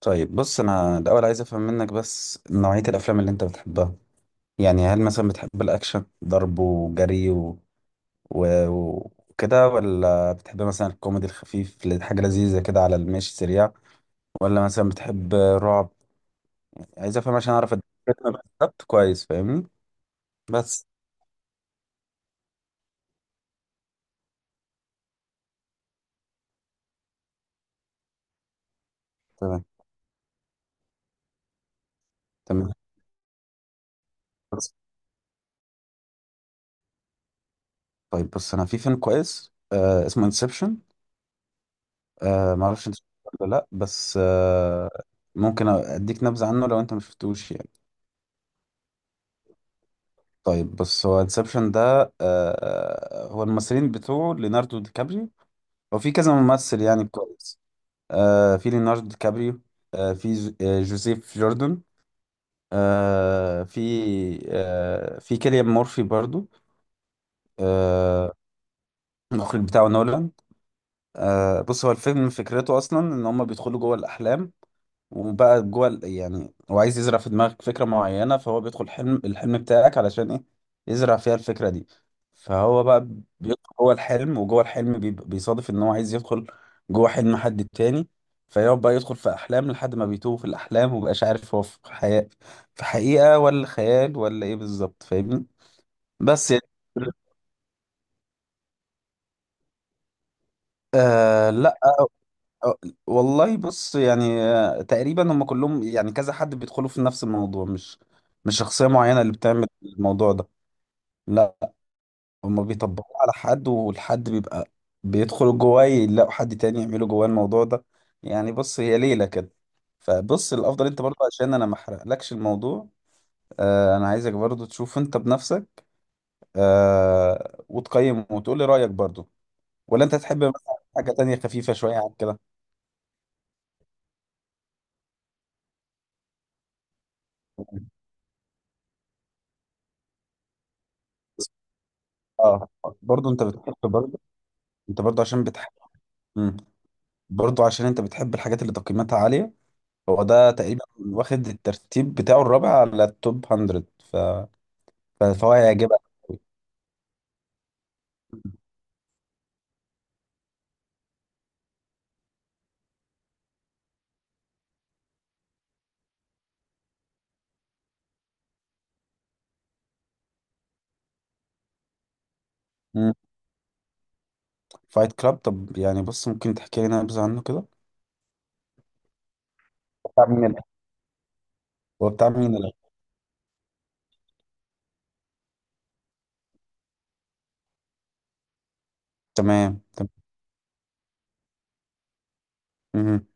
طيب بص انا الاول عايز افهم منك بس نوعية الافلام اللي انت بتحبها. يعني هل مثلا بتحب الاكشن ضرب وجري و... و... وكده، ولا بتحب مثلا الكوميدي الخفيف اللي حاجة لذيذة كده على المشي سريع، ولا مثلا بتحب رعب؟ عايز افهم عشان اعرف الفيلم بالظبط، كويس فاهمني؟ بس تمام تمام، بس. طيب بص انا في فيلم كويس، آه، اسمه انسبشن. آه، معرفش انت شفته ولا لا، بس آه، ممكن اديك نبذة عنه لو انت مشفتوش يعني. طيب بص، هو انسبشن ده، آه، هو الممثلين بتوعه ليوناردو دي كابريو. هو في كذا ممثل يعني كويس. آه، في ليوناردو دي كابريو، آه في جوزيف جوردن، آه في آه في كيليان مورفي برضو، آه. المخرج بتاعه نولان. آه بص، هو الفيلم فكرته اصلا ان هم بيدخلوا جوه الاحلام. يعني هو عايز يزرع في دماغك فكرة معينة، فهو بيدخل حلم الحلم بتاعك علشان ايه؟ يزرع فيها الفكرة دي. فهو بقى بيدخل جوه الحلم، وجوه الحلم بيصادف ان هو عايز يدخل جوه حلم حد تاني. فيقعد بقى يدخل في احلام لحد ما بيتوه في الاحلام ومبقاش عارف هو في حياة، في حقيقة، ولا خيال، ولا ايه بالظبط، فاهمني؟ بس يعني آه لا، أه، والله بص يعني، آه، تقريبا هم كلهم يعني كذا حد بيدخلوا في نفس الموضوع، مش شخصية معينة اللي بتعمل الموضوع ده. لا، هم بيطبقوه على حد والحد بيبقى بيدخل جواه، يلاقوا حد تاني يعمله جواه الموضوع ده. يعني بص هي ليلة كده. فبص الافضل انت برضه، عشان انا ما احرقلكش الموضوع، آه انا عايزك برضه تشوف انت بنفسك، آه وتقيم وتقول لي رأيك برضه، ولا انت تحب مثلا حاجة تانية خفيفة شوية عن كده. اه برضه انت بتحب برضه، انت برضو عشان بتحب. مم. برضو عشان انت بتحب الحاجات اللي تقييماتها عالية. هو ده تقريبا واخد الترتيب بتاعه الرابع على التوب 100، ف... ف- فهو هيعجبك. مم. فايت كلاب، طب يعني بص ممكن تحكي لنا نبذة عنه كده؟ بتاع مين ال- هو بتاع مين تمام. مم.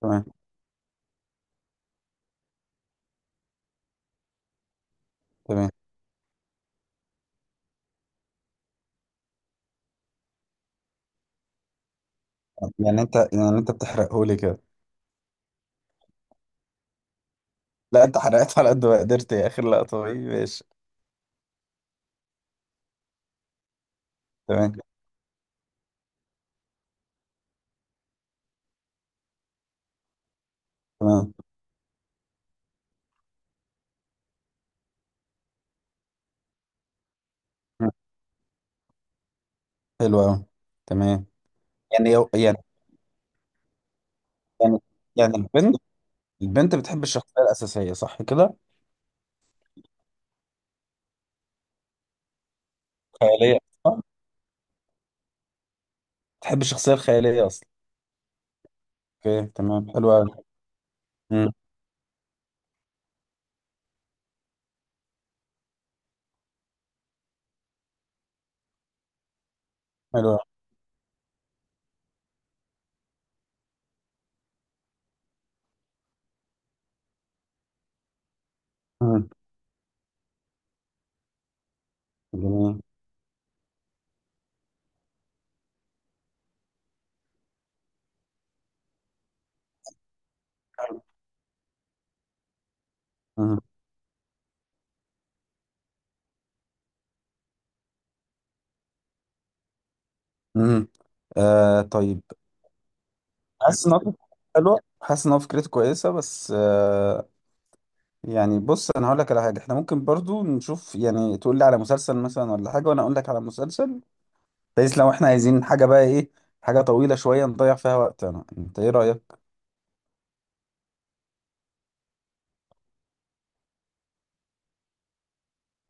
تمام تمام. يعني انت، يعني انت بتحرقه لي كده. لا انت حرقت على قد ما قدرت يا اخر لقطة، طيب ماشي. تمام تمام. مم. حلو قوي. تمام. يعني، يعني يعني البنت، البنت بتحب الشخصية الأساسية، صح كده؟ خيالية، صح؟ بتحب الشخصية الخيالية أصلا. أوكي تمام، حلوة أوي. مم، حلوة أوي. مم، جميل. مم، مم. آه طيب. حاسس إن هو حلوة، حاسس إن هو فكرته كويسة، بس آه، يعني بص أنا هقول لك على حاجة، إحنا ممكن برضو نشوف، يعني تقول لي على مسلسل مثلا ولا حاجة، وأنا أقول لك على مسلسل. بحيث لو إحنا عايزين حاجة بقى إيه، حاجة طويلة شوية نضيع فيها وقتنا، أنت إيه رأيك؟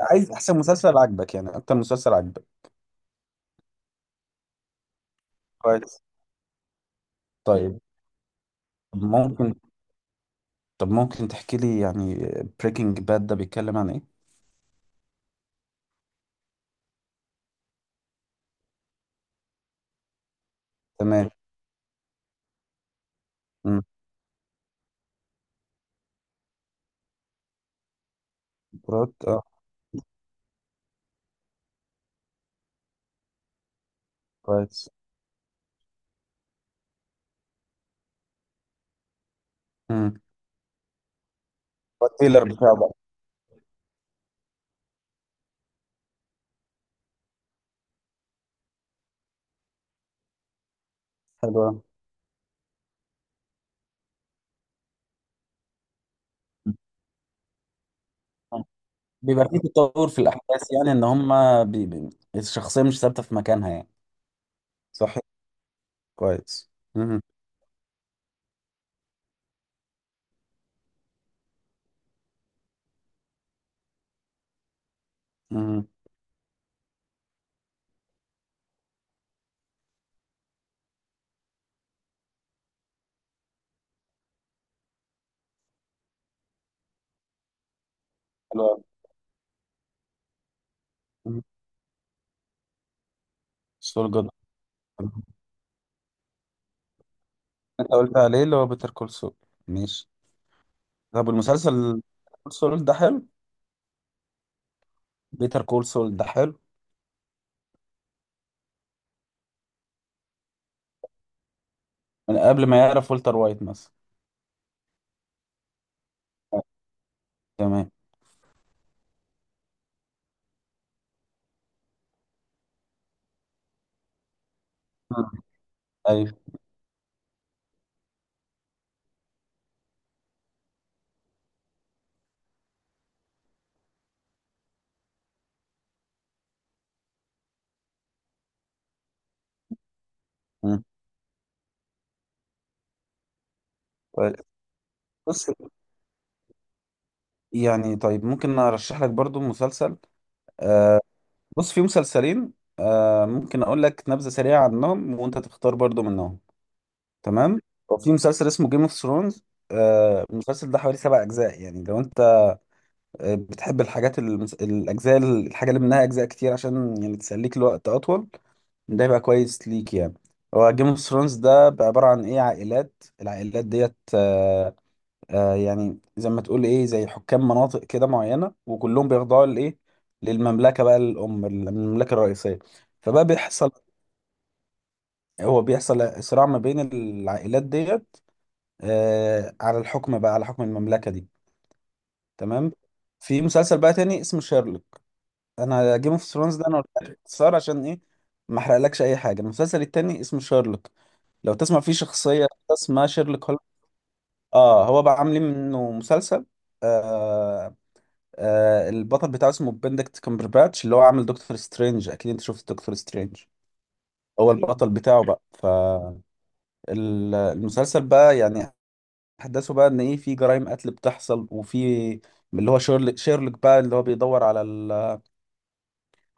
عايز أحسن مسلسل عاجبك، يعني أكتر مسلسل عاجبك. كويس. طيب. طب ممكن طب ممكن تحكي لي يعني بريكنج باد ده بيتكلم عن ايه؟ تمام. امم. براد، اه. كويس. امم. التيلر بتاعه بقى. حلو أوي. مم. بيبقى فيه تطور في الاحداث يعني ان هم، بي... بي... الشخصيه مش ثابته في مكانها يعني. صح. كويس. امم. امم. حلو أوي. مم. سول جود، انت قلت عليه اللي هو بيتر كول سول، ماشي. طب المسلسل كول سول ده حلو، بيتر كول سول ده حلو. من قبل ما يعرف والتر وايت مثلا. تمام. مم. ايوه. مم. بص يعني، طيب ممكن ارشح لك برضو مسلسل. آه بص في مسلسلين، آه ممكن اقول لك نبذة سريعة عنهم وانت تختار برضو منهم. تمام. وفي مسلسل اسمه جيم اوف ثرونز. آه المسلسل ده حوالي سبع اجزاء، يعني لو انت، آه، بتحب الحاجات الاجزاء، الحاجة اللي منها اجزاء كتير عشان يعني تسليك الوقت اطول، ده يبقى كويس ليك يعني. هو جيم اوف ثرونز ده عبارة عن ايه، عائلات. العائلات ديت، آه، آه يعني زي ما تقول ايه، زي حكام مناطق كده معينه، وكلهم بيخضعوا لايه، للمملكه بقى، الام المملكه الرئيسيه. فبقى بيحصل هو بيحصل صراع ما بين العائلات ديت، آه على الحكم بقى، على حكم المملكه دي. تمام. في مسلسل بقى تاني اسمه شيرلوك. انا جيم اوف ثرونز ده انا قلت لك باختصار عشان ايه، ما احرقلكش اي حاجه. المسلسل التاني اسمه شيرلوك، لو تسمع فيه شخصيه اسمها شيرلوك هول. اه هو بقى عاملين منه مسلسل، آه، آه البطل بتاعه اسمه بندكت كامبرباتش، اللي هو عامل دكتور سترينج، اكيد انت شفت دكتور سترينج. هو البطل بتاعه بقى. فالمسلسل بقى يعني احداثه بقى ان ايه، في جرائم قتل بتحصل، وفي اللي هو شيرلوك بقى اللي هو بيدور على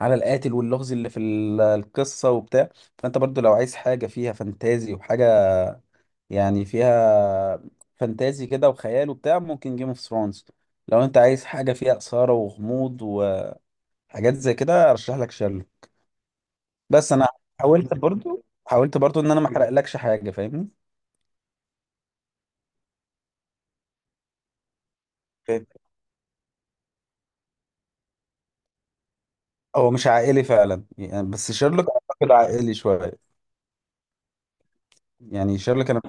على القاتل واللغز اللي في القصة وبتاع. فانت برضو لو عايز حاجة فيها فانتازي وحاجة، يعني فيها فانتازي كده وخيال وبتاع، ممكن جيم اوف ثرونز. لو انت عايز حاجة فيها إثارة وغموض وحاجات زي كده، ارشح لك شيرلوك. بس انا حاولت برضو ان انا ما احرقلكش حاجه، فاهمني؟ اوكي. هو مش عائلي فعلا يعني، بس شيرلوك اعتقد عائلي شويه. يعني شيرلوك انا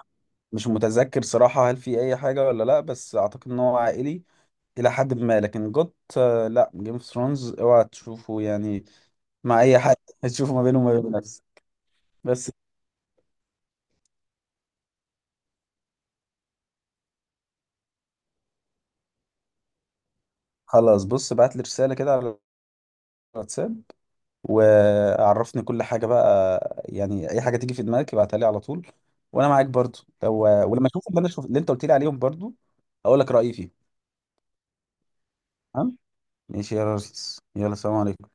مش متذكر صراحه هل في اي حاجه ولا لا، بس اعتقد ان هو عائلي الى حد ما. لكن جوت آه، لا، جيم اوف ثرونز اوعى تشوفه يعني مع اي حد، تشوفه ما بينه وما بين نفسه. بس. خلاص بص، بعت لي رساله كده على الواتساب وعرفني كل حاجه بقى، يعني اي حاجه تيجي في دماغك ابعتها لي على طول، وانا معاك برضو لو، ولما اشوف اللي انا شوف اللي انت قلت لي عليهم برضو اقول لك رايي فيه. تمام. ماشي يا ريس، يلا سلام عليكم.